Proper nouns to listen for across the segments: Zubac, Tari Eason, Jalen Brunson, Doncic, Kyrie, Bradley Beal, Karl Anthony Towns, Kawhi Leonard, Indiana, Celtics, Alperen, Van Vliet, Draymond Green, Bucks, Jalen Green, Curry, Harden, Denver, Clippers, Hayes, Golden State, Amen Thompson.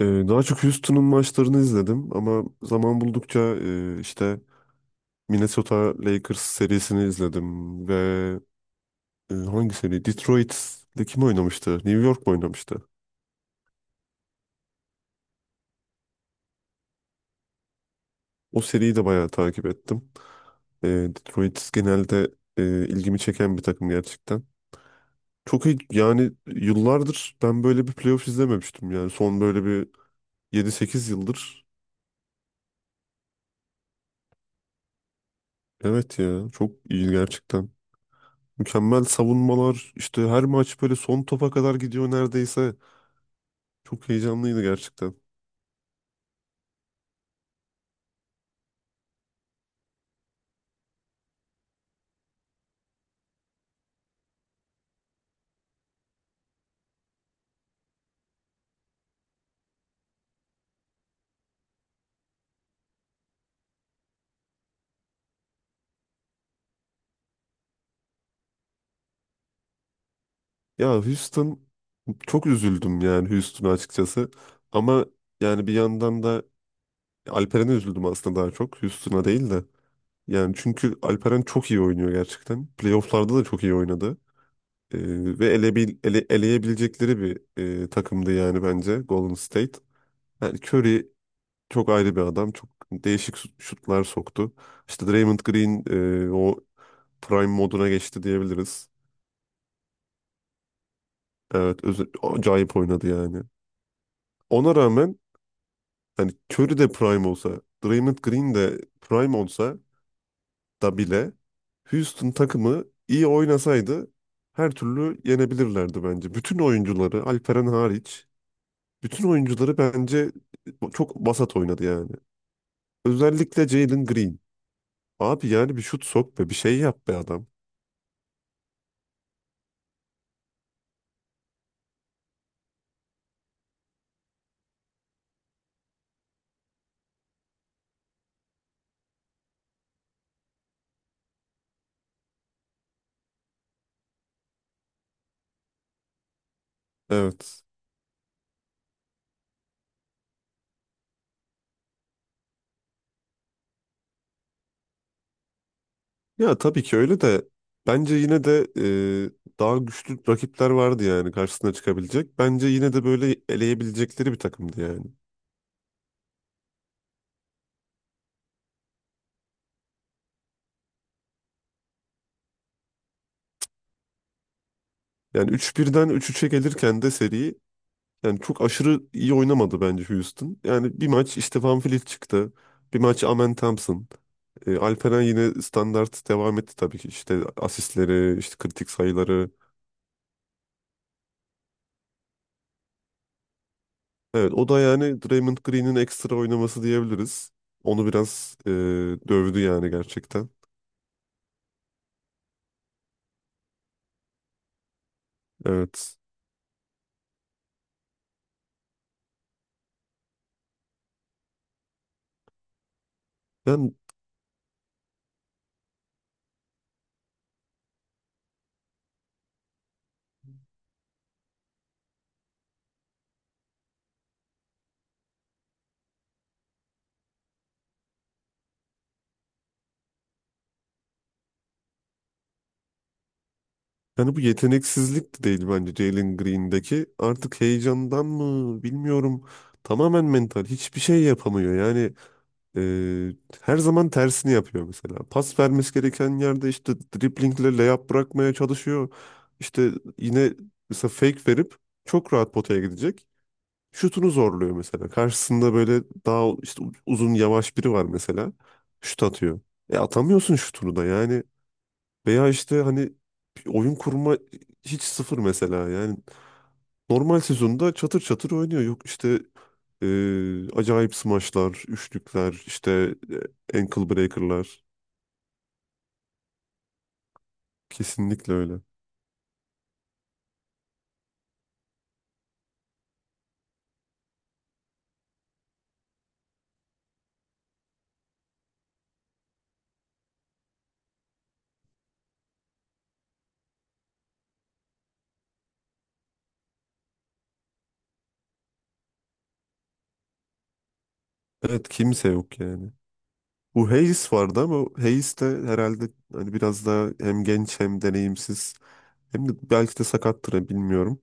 Daha çok Houston'un maçlarını izledim ama zaman buldukça işte Minnesota Lakers serisini izledim ve hangi seri? Detroit'le kim oynamıştı? New York mu oynamıştı? O seriyi de bayağı takip ettim. Detroit genelde e, ilgimi çeken bir takım gerçekten. Çok iyi yani yıllardır ben böyle bir playoff izlememiştim yani son böyle bir 7-8 yıldır. Evet ya, çok iyi gerçekten. Mükemmel savunmalar, işte her maç böyle son topa kadar gidiyor neredeyse. Çok heyecanlıydı gerçekten. Ya Houston, çok üzüldüm yani Houston'a açıkçası. Ama yani bir yandan da Alperen'e üzüldüm aslında, daha çok Houston'a değil de. Yani çünkü Alperen çok iyi oynuyor gerçekten. Playoff'larda da çok iyi oynadı. Ve eleyebilecekleri bir takımdı yani bence, Golden State. Yani Curry çok ayrı bir adam. Çok değişik şutlar soktu. İşte Draymond Green, o Prime moduna geçti diyebiliriz. Evet, acayip oynadı yani. Ona rağmen hani Curry de Prime olsa, Draymond Green de Prime olsa da bile Houston takımı iyi oynasaydı her türlü yenebilirlerdi bence. Bütün oyuncuları, Alperen hariç, bütün oyuncuları bence çok vasat oynadı yani. Özellikle Jalen Green. Abi yani bir şut sok be, bir şey yap be adam. Evet. Ya tabii ki öyle de bence yine de daha güçlü rakipler vardı yani karşısına çıkabilecek. Bence yine de böyle eleyebilecekleri bir takımdı yani. Yani 3-1'den 3-3'e gelirken de seri yani çok aşırı iyi oynamadı bence Houston. Yani bir maç işte Van Vliet çıktı. Bir maç Amen Thompson. Alperen yine standart devam etti tabii ki. İşte asistleri, işte kritik sayıları. Evet, o da yani Draymond Green'in ekstra oynaması diyebiliriz. Onu biraz dövdü yani gerçekten. Evet. Ben yani bu yeteneksizlik de değil bence Jalen Green'deki. Artık heyecandan mı, bilmiyorum. Tamamen mental. Hiçbir şey yapamıyor. Yani e, her zaman tersini yapıyor mesela. Pas vermesi gereken yerde işte driblingle layup bırakmaya çalışıyor. İşte yine mesela fake verip çok rahat potaya gidecek. Şutunu zorluyor mesela. Karşısında böyle daha işte uzun yavaş biri var mesela. Şut atıyor. E atamıyorsun şutunu da yani. Veya işte hani bir oyun kurma hiç sıfır mesela. Yani normal sezonda çatır çatır oynuyor. Yok işte acayip smaçlar, üçlükler, işte ankle breaker'lar. Kesinlikle öyle. Evet, kimse yok yani. Bu Hayes vardı ama Hayes de herhalde hani biraz daha hem genç hem deneyimsiz. Hem de belki de sakattır ha, bilmiyorum.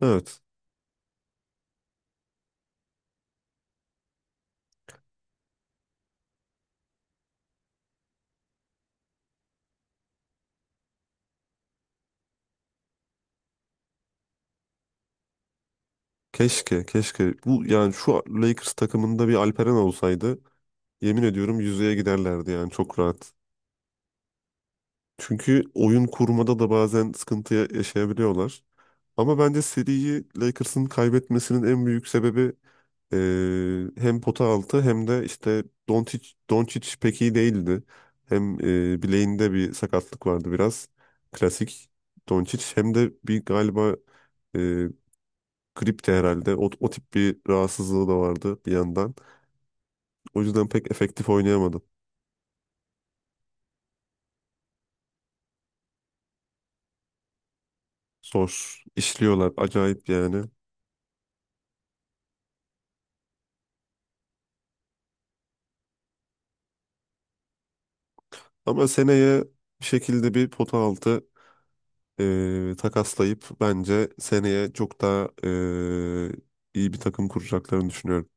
Evet. Keşke, keşke. Bu yani şu Lakers takımında bir Alperen olsaydı, yemin ediyorum yüzeye giderlerdi yani çok rahat. Çünkü oyun kurmada da bazen sıkıntı yaşayabiliyorlar. Ama bence seriyi Lakers'ın kaybetmesinin en büyük sebebi e, hem pota altı hem de işte Doncic, Doncic pek iyi değildi. Hem bileğinde bir sakatlık vardı biraz. Klasik Doncic. Hem de bir galiba e, gripti herhalde. O, o tip bir rahatsızlığı da vardı bir yandan. O yüzden pek efektif oynayamadı. Zor işliyorlar. Acayip yani. Ama seneye bir şekilde bir pota altı takaslayıp bence seneye çok daha iyi bir takım kuracaklarını düşünüyorum.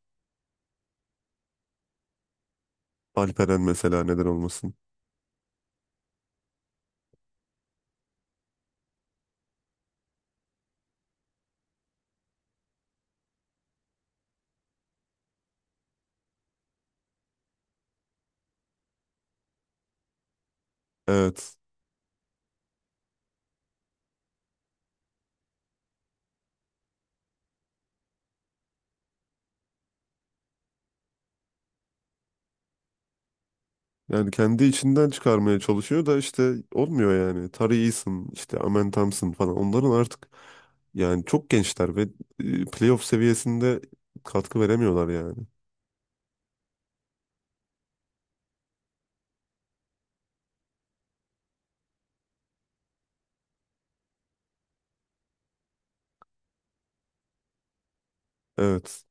Alperen mesela, neden olmasın. Evet. Yani kendi içinden çıkarmaya çalışıyor da işte olmuyor yani. Tari Eason, işte Amen Thompson falan, onların artık yani çok gençler ve playoff seviyesinde katkı veremiyorlar yani. Evet.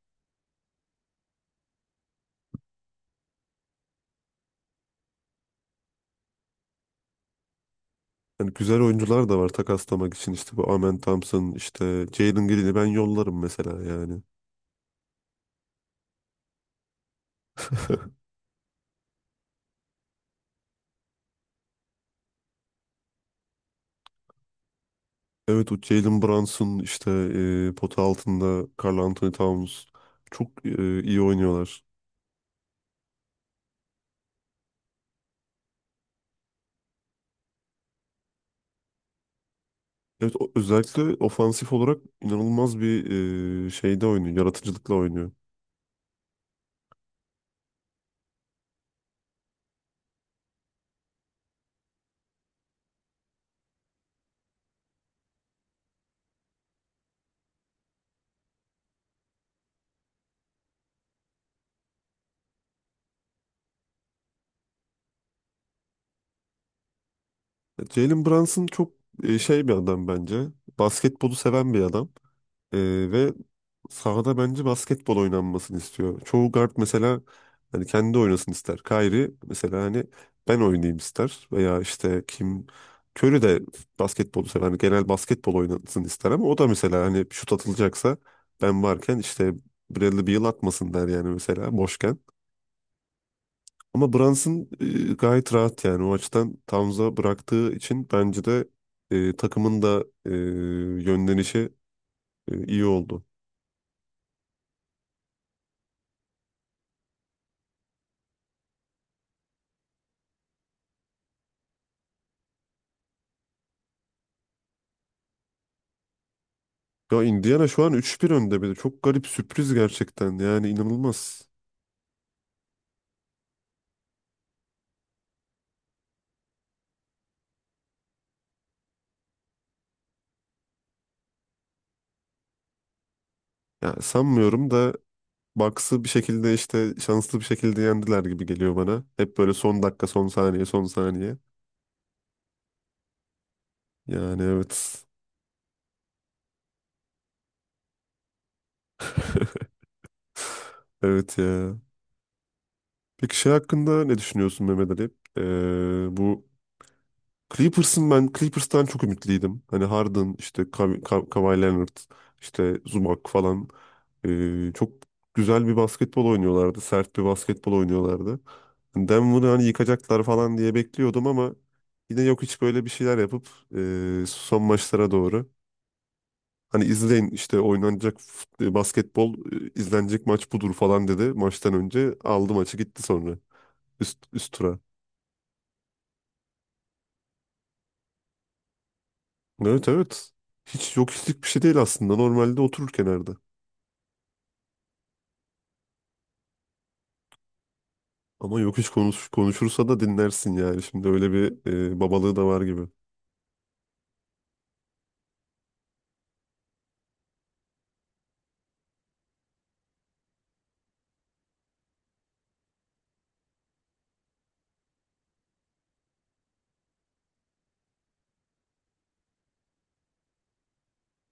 Yani güzel oyuncular da var takaslamak için, işte bu Amen Thompson, işte Jalen Green'i ben yollarım mesela yani. Evet, o Jalen Brunson, işte pota altında Karl Anthony Towns çok iyi oynuyorlar. Evet, özellikle ofansif olarak inanılmaz bir şeyde oynuyor, yaratıcılıkla oynuyor. Jalen Brunson çok şey bir adam bence. Basketbolu seven bir adam. E, ve sahada bence basketbol oynanmasını istiyor. Çoğu guard mesela hani kendi oynasın ister. Kyrie mesela hani ben oynayayım ister veya işte kim, Curry de basketbolu sever. Hani genel basketbol oynansın ister ama o da mesela hani şut atılacaksa ben varken işte Bradley Beal atmasın der yani mesela boşken. Ama Brunson gayet rahat yani, o açıdan Towns'a bıraktığı için bence de takımın da yönlenişi iyi oldu. Ya Indiana şu an 3-1 önde bir de. Çok garip, sürpriz gerçekten. Yani inanılmaz. Ya sanmıyorum da Bucks'ı bir şekilde işte şanslı bir şekilde yendiler gibi geliyor bana. Hep böyle son dakika, son saniye, son saniye. Yani evet. Evet ya. Peki şey hakkında ne düşünüyorsun Mehmet Ali? Bu Clippers'ın, ben Clippers'tan çok ümitliydim. Hani Harden, işte Kawhi Leonard, işte Zubac falan. Çok güzel bir basketbol oynuyorlardı. Sert bir basketbol oynuyorlardı. Hani Denver'ı hani yıkacaklar falan diye bekliyordum ama yine yok, hiç böyle bir şeyler yapıp son maçlara doğru hani izleyin işte oynanacak basketbol, izlenecek maç budur falan dedi, maçtan önce aldı maçı, gitti sonra üst üst tura. Evet evet. Hiç yok hislik bir şey değil aslında. Normalde oturur kenarda. Ama yok hiç konuş, konuşursa da dinlersin yani. Şimdi öyle bir babalığı da var gibi.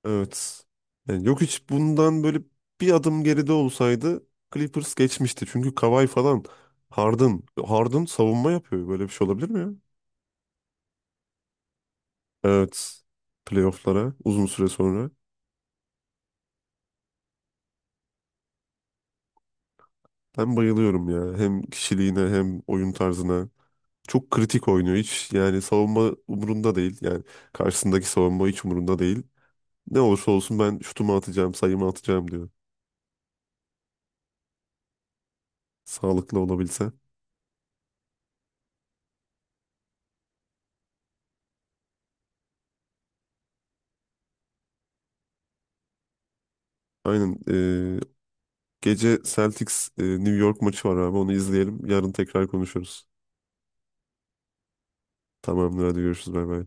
Evet. Yani yok hiç, bundan böyle bir adım geride olsaydı Clippers geçmişti. Çünkü Kawhi falan, Harden. Harden savunma yapıyor. Böyle bir şey olabilir mi ya? Evet. Playoff'lara uzun süre sonra. Ben bayılıyorum ya. Hem kişiliğine hem oyun tarzına. Çok kritik oynuyor. Hiç yani savunma umurunda değil. Yani karşısındaki savunma hiç umurunda değil. Ne olursa olsun ben şutumu atacağım, sayımı atacağım diyor. Sağlıklı olabilse. Aynen. e, Gece Celtics New York maçı var abi. Onu izleyelim. Yarın tekrar konuşuruz. Tamamdır, hadi görüşürüz. Bay bay.